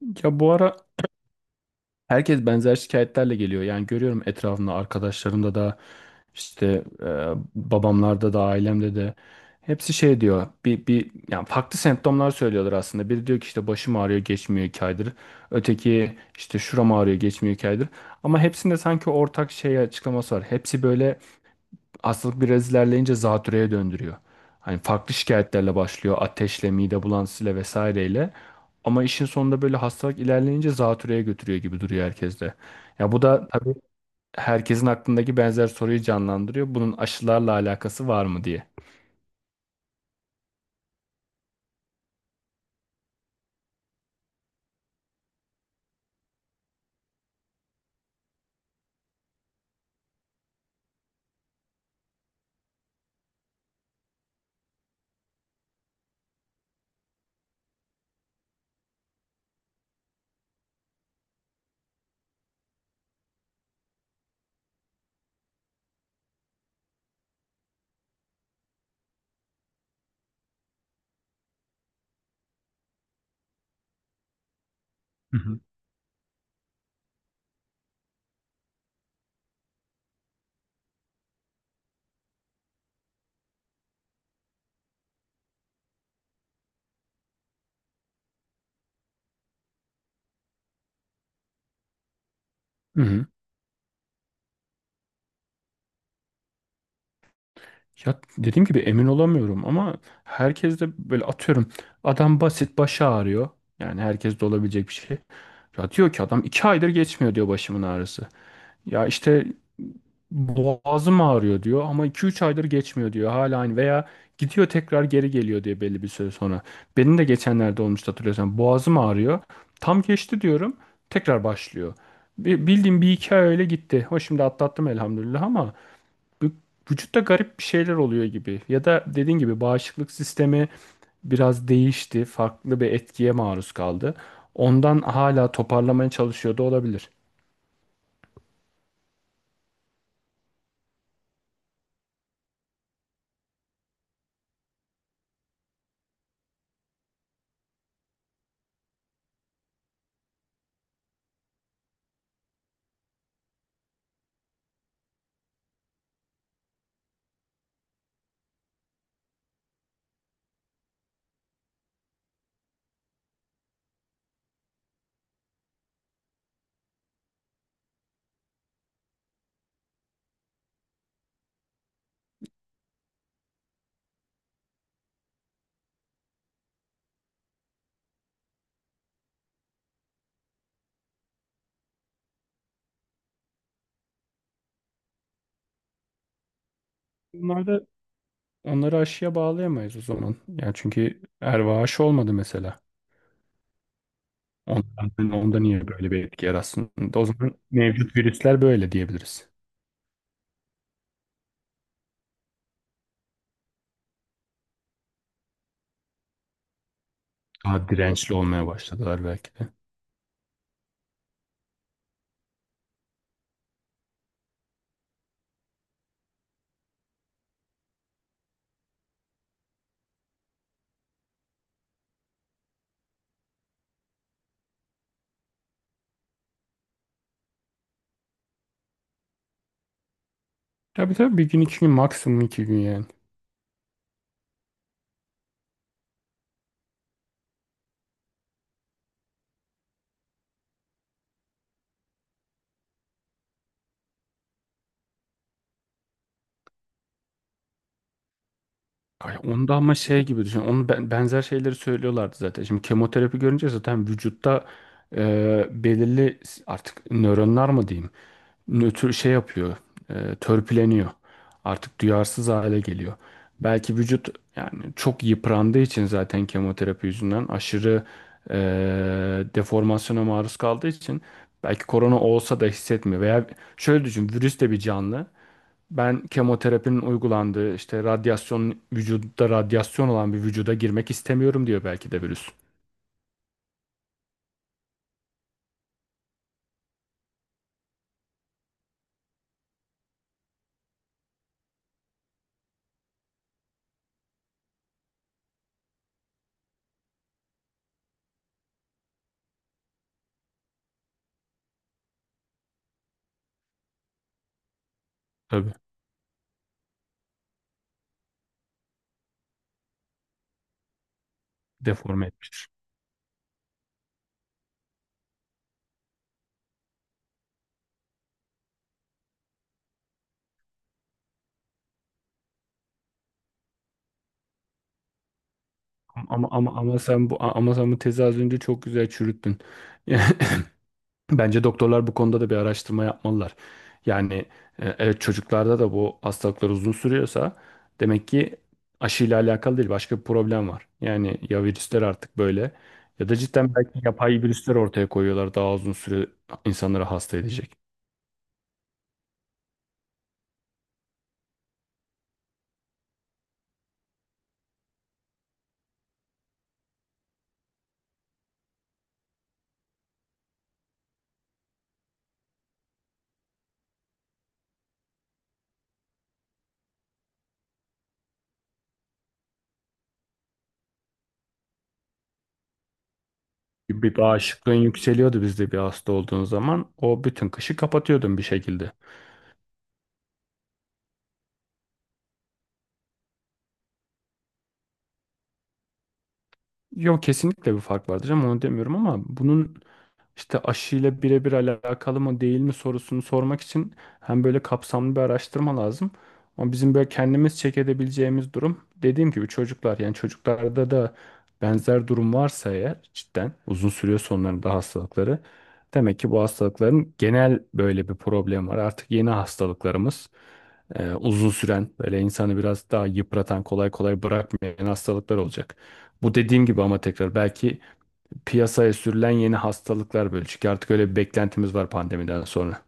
Ya bu ara herkes benzer şikayetlerle geliyor. Yani görüyorum etrafımda arkadaşlarımda da işte e, babamlarda da ailemde de hepsi şey diyor. Bir yani farklı semptomlar söylüyorlar aslında. Biri diyor ki işte başım ağrıyor geçmiyor iki aydır. Öteki işte şuram ağrıyor geçmiyor iki aydır. Ama hepsinde sanki ortak şey açıklaması var. Hepsi böyle hastalık biraz ilerleyince zatürreye döndürüyor. Hani farklı şikayetlerle başlıyor. Ateşle, mide bulantısıyla vesaireyle. Ama işin sonunda böyle hastalık ilerleyince zatürreye götürüyor gibi duruyor herkeste. Ya bu da tabii herkesin aklındaki benzer soruyu canlandırıyor. Bunun aşılarla alakası var mı diye. Hı hı. Hı hı. Ya dediğim gibi emin olamıyorum ama herkes de böyle atıyorum adam basit başı ağrıyor. Yani herkes de olabilecek bir şey. Ya diyor ki adam iki aydır geçmiyor diyor başımın ağrısı. Ya işte boğazım ağrıyor diyor ama 2-3 aydır geçmiyor diyor hala aynı veya gidiyor tekrar geri geliyor diye belli bir süre sonra. Benim de geçenlerde olmuştu hatırlıyorsan boğazım ağrıyor tam geçti diyorum tekrar başlıyor. Bildiğim bir iki ay öyle gitti. O şimdi atlattım elhamdülillah ama bu- vücutta garip bir şeyler oluyor gibi. Ya da dediğin gibi bağışıklık sistemi biraz değişti. Farklı bir etkiye maruz kaldı. Ondan hala toparlamaya çalışıyor da olabilir. Onları aşıya bağlayamayız o zaman. Yani çünkü erva aşı olmadı mesela. Ondan, hani onda niye böyle bir etki yaratsın? O zaman mevcut virüsler böyle diyebiliriz. Daha dirençli olmaya başladılar belki de. Tabii tabii bir gün iki gün maksimum iki gün yani. Ay onda ama şey gibi düşün. Onun benzer şeyleri söylüyorlardı zaten. Şimdi kemoterapi görünce zaten vücutta belirli artık nöronlar mı diyeyim? Nötr şey yapıyor, törpüleniyor. Artık duyarsız hale geliyor. Belki vücut yani çok yıprandığı için zaten kemoterapi yüzünden aşırı e, deformasyona maruz kaldığı için belki korona olsa da hissetmiyor. Veya şöyle düşün, virüs de bir canlı. Ben kemoterapinin uygulandığı işte radyasyon vücutta radyasyon olan bir vücuda girmek istemiyorum diyor belki de virüs. Tabii deforme etmiştir. Ama sen bu tezi az önce çok güzel çürüttün. Bence doktorlar bu konuda da bir araştırma yapmalılar. Yani evet çocuklarda da bu hastalıklar uzun sürüyorsa demek ki aşıyla alakalı değil başka bir problem var. Yani ya virüsler artık böyle ya da cidden belki yapay virüsler ortaya koyuyorlar daha uzun süre insanları hasta edecek. Bir bağışıklığın yükseliyordu bizde bir hasta olduğun zaman o bütün kışı kapatıyordun bir şekilde. Yok kesinlikle bir fark vardır ama onu demiyorum ama bunun işte aşıyla birebir alakalı mı değil mi sorusunu sormak için hem böyle kapsamlı bir araştırma lazım. Ama bizim böyle kendimiz check edebileceğimiz durum dediğim gibi çocuklar yani çocuklarda da benzer durum varsa eğer cidden uzun sürüyor sonlarında hastalıkları. Demek ki bu hastalıkların genel böyle bir problem var. Artık yeni hastalıklarımız uzun süren böyle insanı biraz daha yıpratan kolay kolay bırakmayan hastalıklar olacak. Bu dediğim gibi ama tekrar belki piyasaya sürülen yeni hastalıklar böyle. Çünkü artık öyle bir beklentimiz var pandemiden sonra.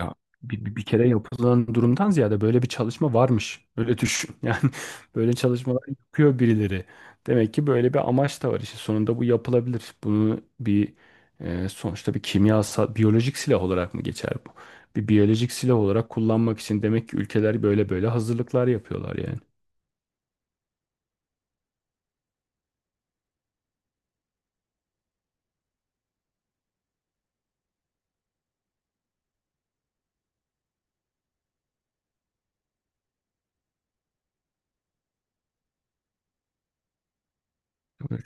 Ya bir kere yapılan durumdan ziyade böyle bir çalışma varmış. Öyle düşün. Yani böyle çalışmalar yapıyor birileri. Demek ki böyle bir amaç da var. İşte sonunda bu yapılabilir. Bunu sonuçta bir kimyasal, biyolojik silah olarak mı geçer bu? Bir biyolojik silah olarak kullanmak için demek ki ülkeler böyle böyle hazırlıklar yapıyorlar yani.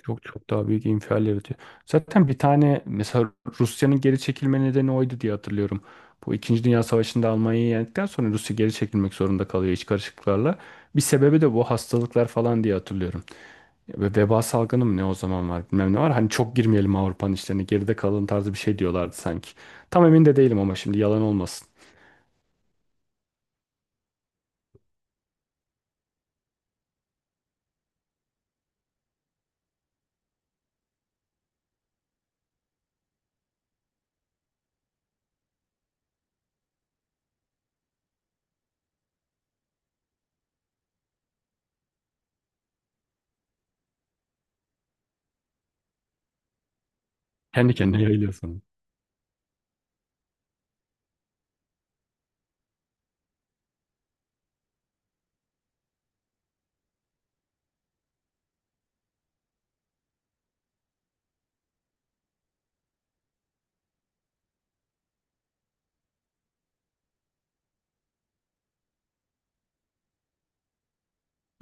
Çok çok daha büyük infial yaratıyor. Zaten bir tane mesela Rusya'nın geri çekilme nedeni oydu diye hatırlıyorum. Bu İkinci Dünya Savaşı'nda Almanya'yı yendikten sonra Rusya geri çekilmek zorunda kalıyor iç karışıklıklarla. Bir sebebi de bu hastalıklar falan diye hatırlıyorum. Ya ve veba salgını mı ne o zaman var bilmem ne var. Hani çok girmeyelim Avrupa'nın işlerine geride kalın tarzı bir şey diyorlardı sanki. Tam emin de değilim ama şimdi yalan olmasın. Kendi kendine yayılıyor.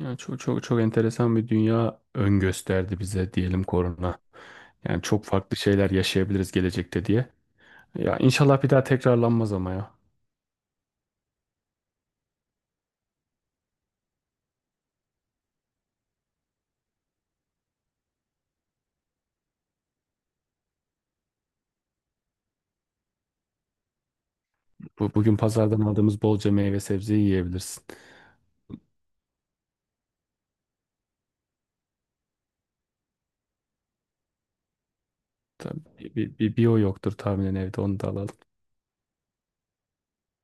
Yani çok çok çok enteresan bir dünya ön gösterdi bize diyelim korona. Yani çok farklı şeyler yaşayabiliriz gelecekte diye. Ya inşallah bir daha tekrarlanmaz ama ya. Bugün pazardan aldığımız bolca meyve sebzeyi yiyebilirsin. Tabii bir o yoktur tahminen evde onu da alalım.